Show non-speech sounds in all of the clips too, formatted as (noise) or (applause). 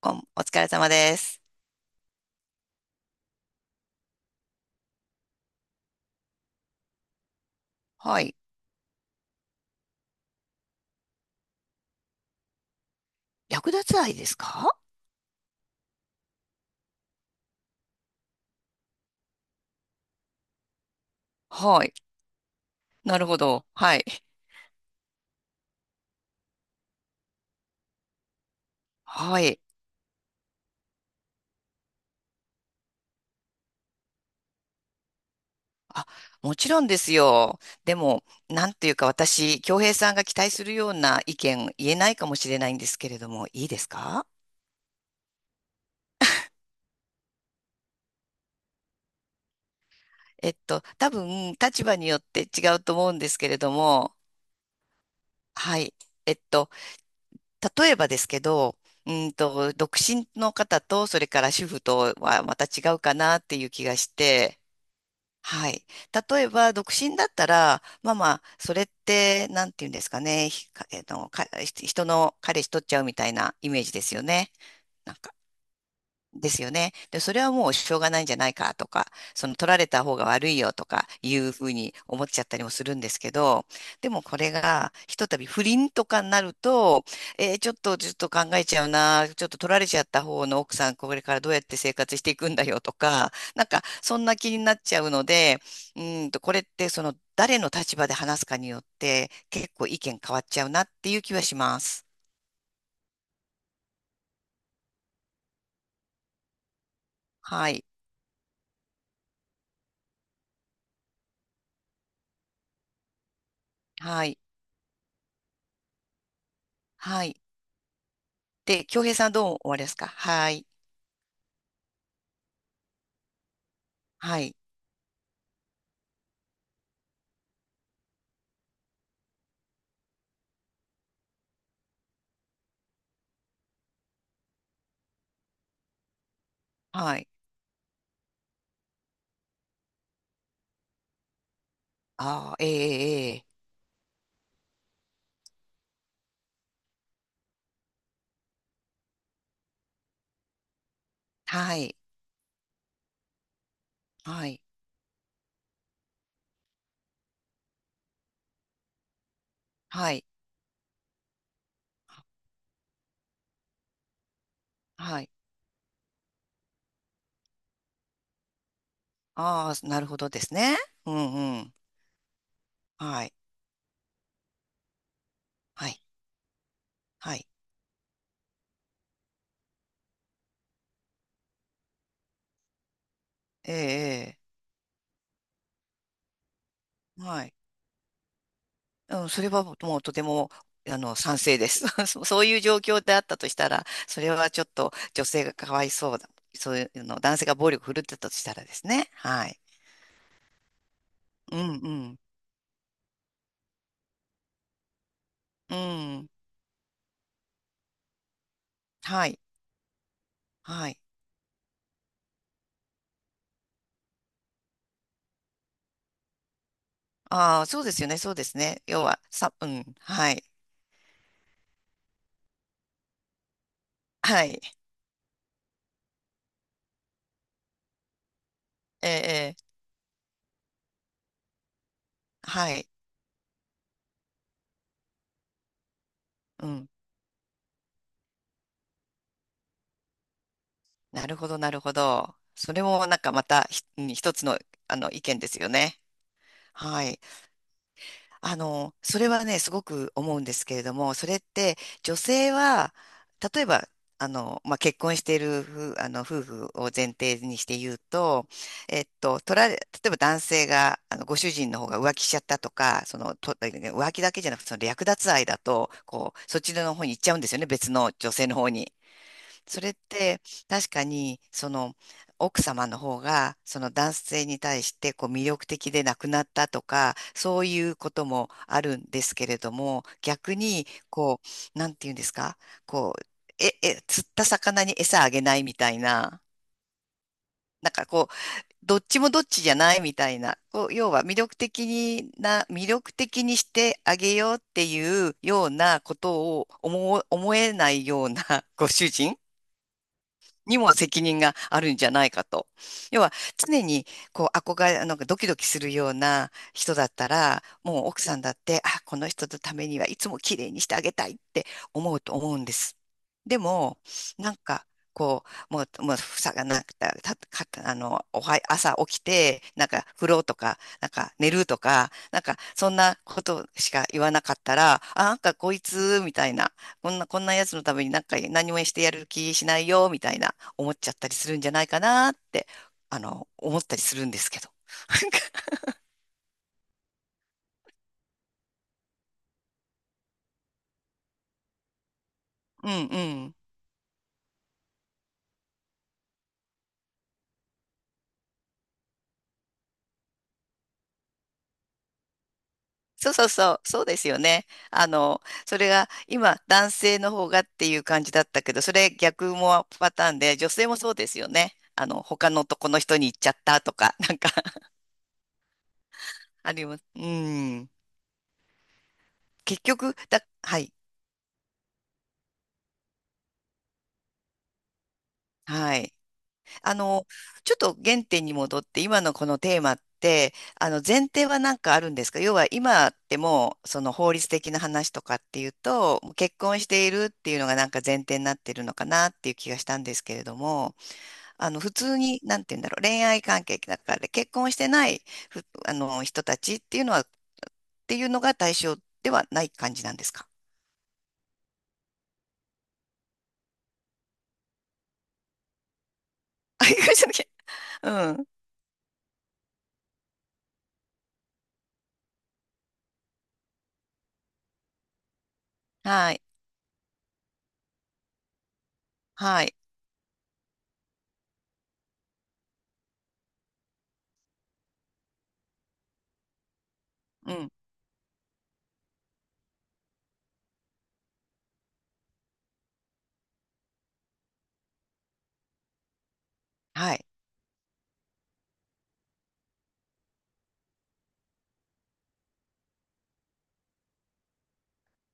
お疲れ様です。はい。略奪愛ですか？はい。なるほど。はい。はい。あ、もちろんですよ。でも、なんというか私、京平さんが期待するような意見言えないかもしれないんですけれども、いいですか？多分、立場によって違うと思うんですけれども、はい。えっと、例えばですけど、独身の方と、それから主婦とはまた違うかなっていう気がして、はい。例えば、独身だったら、まあまあ、それって、なんていうんですかね、ひかえっと、か、人の彼氏取っちゃうみたいなイメージですよね。なんかですよね。で、それはもうしょうがないんじゃないかとか、その取られた方が悪いよとかいうふうに思っちゃったりもするんですけど、でもこれがひとたび不倫とかになると、ちょっとちょっと考えちゃうな、ちょっと取られちゃった方の奥さん、これからどうやって生活していくんだよとか、なんかそんな気になっちゃうので、これってその誰の立場で話すかによって結構意見変わっちゃうなっていう気はします。はい。はい。はい。で、京平さんどう思われますか？はい。はい。はい。ああ、ええ、ええ。はい。はい。はい。はい。ああ、なるほどですね。うんうん。はい。はい。はい。ええ、ええ。はい。うん、それはもうとても、賛成です。(laughs) そういう状況であったとしたら、それはちょっと女性がかわいそうだ。そういうの、男性が暴力振るってたとしたらですね。はい。うんうん。うん。はい。はい。ああ、そうですよね、そうですね。要は、さ、うん、はい、(laughs) はい、ええ、ええ、はい、うん、なるほど、なるほど。それもなんかまたうん、一つの、あの意見ですよね。はい。それはね、すごく思うんですけれども、それって女性は、例えば、まあ、結婚している夫、夫婦を前提にして言うと、取られ、例えば男性が、ご主人の方が浮気しちゃったとか、その、浮気だけじゃなくて、その略奪愛だと、こう、そっちの方に行っちゃうんですよね、別の女性の方に。それって、確かに、その奥様の方がその男性に対してこう魅力的でなくなったとか、そういうこともあるんですけれども、逆にこう、なんていうんですか、こう、釣った魚に餌あげないみたいな。なんかこう、どっちもどっちじゃないみたいな、こう、要は、魅力的にしてあげようっていうようなことを思えないようなご主人にも責任があるんじゃないかと。要は、常にこう憧れ、なんかドキドキするような人だったら、もう奥さんだって、あ、この人のためにはいつも綺麗にしてあげたいって思うと思うんです。でも、なんか、こう、もう、房がなくて、朝起きて、なんか、風呂とか、なんか、寝るとか、なんか、そんなことしか言わなかったら、あ、なんか、こいつ、みたいな、こんなやつのためになんか、何もしてやる気しないよ、みたいな。思っちゃったりするんじゃないかなって、思ったりするんですけど。(laughs) うんうん。そうそうそう、そうですよね。それが今男性の方がっていう感じだったけど、それ逆もパターンで、女性もそうですよね。他の男の人に行っちゃったとか、なんか (laughs) あります。うん。結局、はい、はい。あの、ちょっと原点に戻って、今のこのテーマって、前提は何かあるんですか？要は今ってもう、その法律的な話とかっていうと、もう結婚しているっていうのがなんか前提になってるのかなっていう気がしたんですけれども、普通に、なんて言うんだろう、恋愛関係だから、結婚してない、人たちっていうのは、っていうのが対象ではない感じなんですか？ (laughs) あ、いらっしゃうん。はい。はい。うん。はい。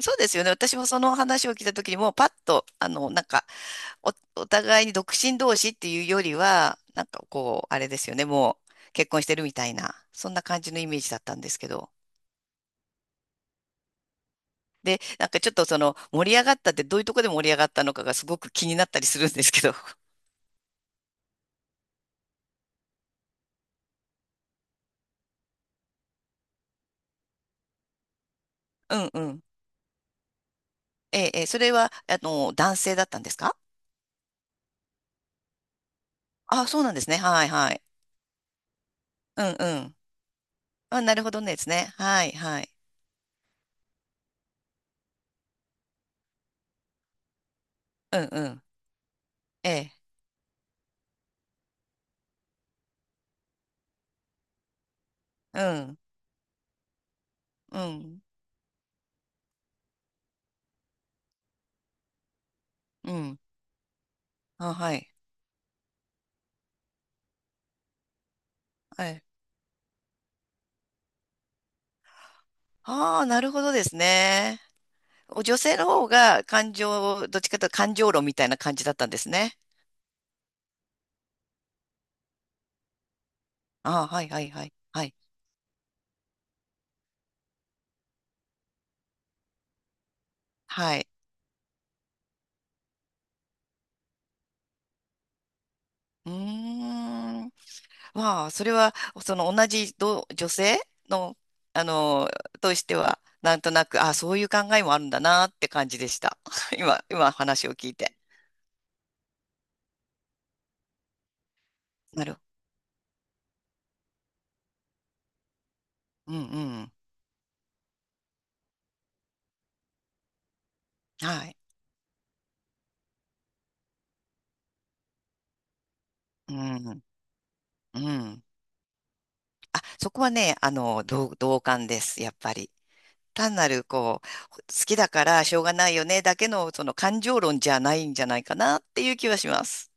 そうですよね。私もその話を聞いた時にもうパッと、なんか、お、お互いに独身同士っていうよりは、なんかこう、あれですよね。もう結婚してるみたいな、そんな感じのイメージだったんですけど。で、なんかちょっとその盛り上がったってどういうとこで盛り上がったのかがすごく気になったりするんですけど。(laughs) うんうん。ええ、ええ、それは、男性だったんですか？あ、そうなんですね。はいはい。うんうん。あ、なるほどねですね。はいはい。うんうん。ええ。うん。うん。うん。あ、はい。はい、ああ、なるほどですね。女性の方が感情、どっちかというと感情論みたいな感じだったんですね。ああ、はいはいはい。はい。はい。うーん。まあ、それは、その同じ女性の、あの、としては、なんとなく、ああ、そういう考えもあるんだなって感じでした。(laughs) 今話を聞いて。なる。うんうん。はい。うん。うん。あ、そこはね、同感です。やっぱり。単なるこう、好きだからしょうがないよねだけのその感情論じゃないんじゃないかなっていう気はします。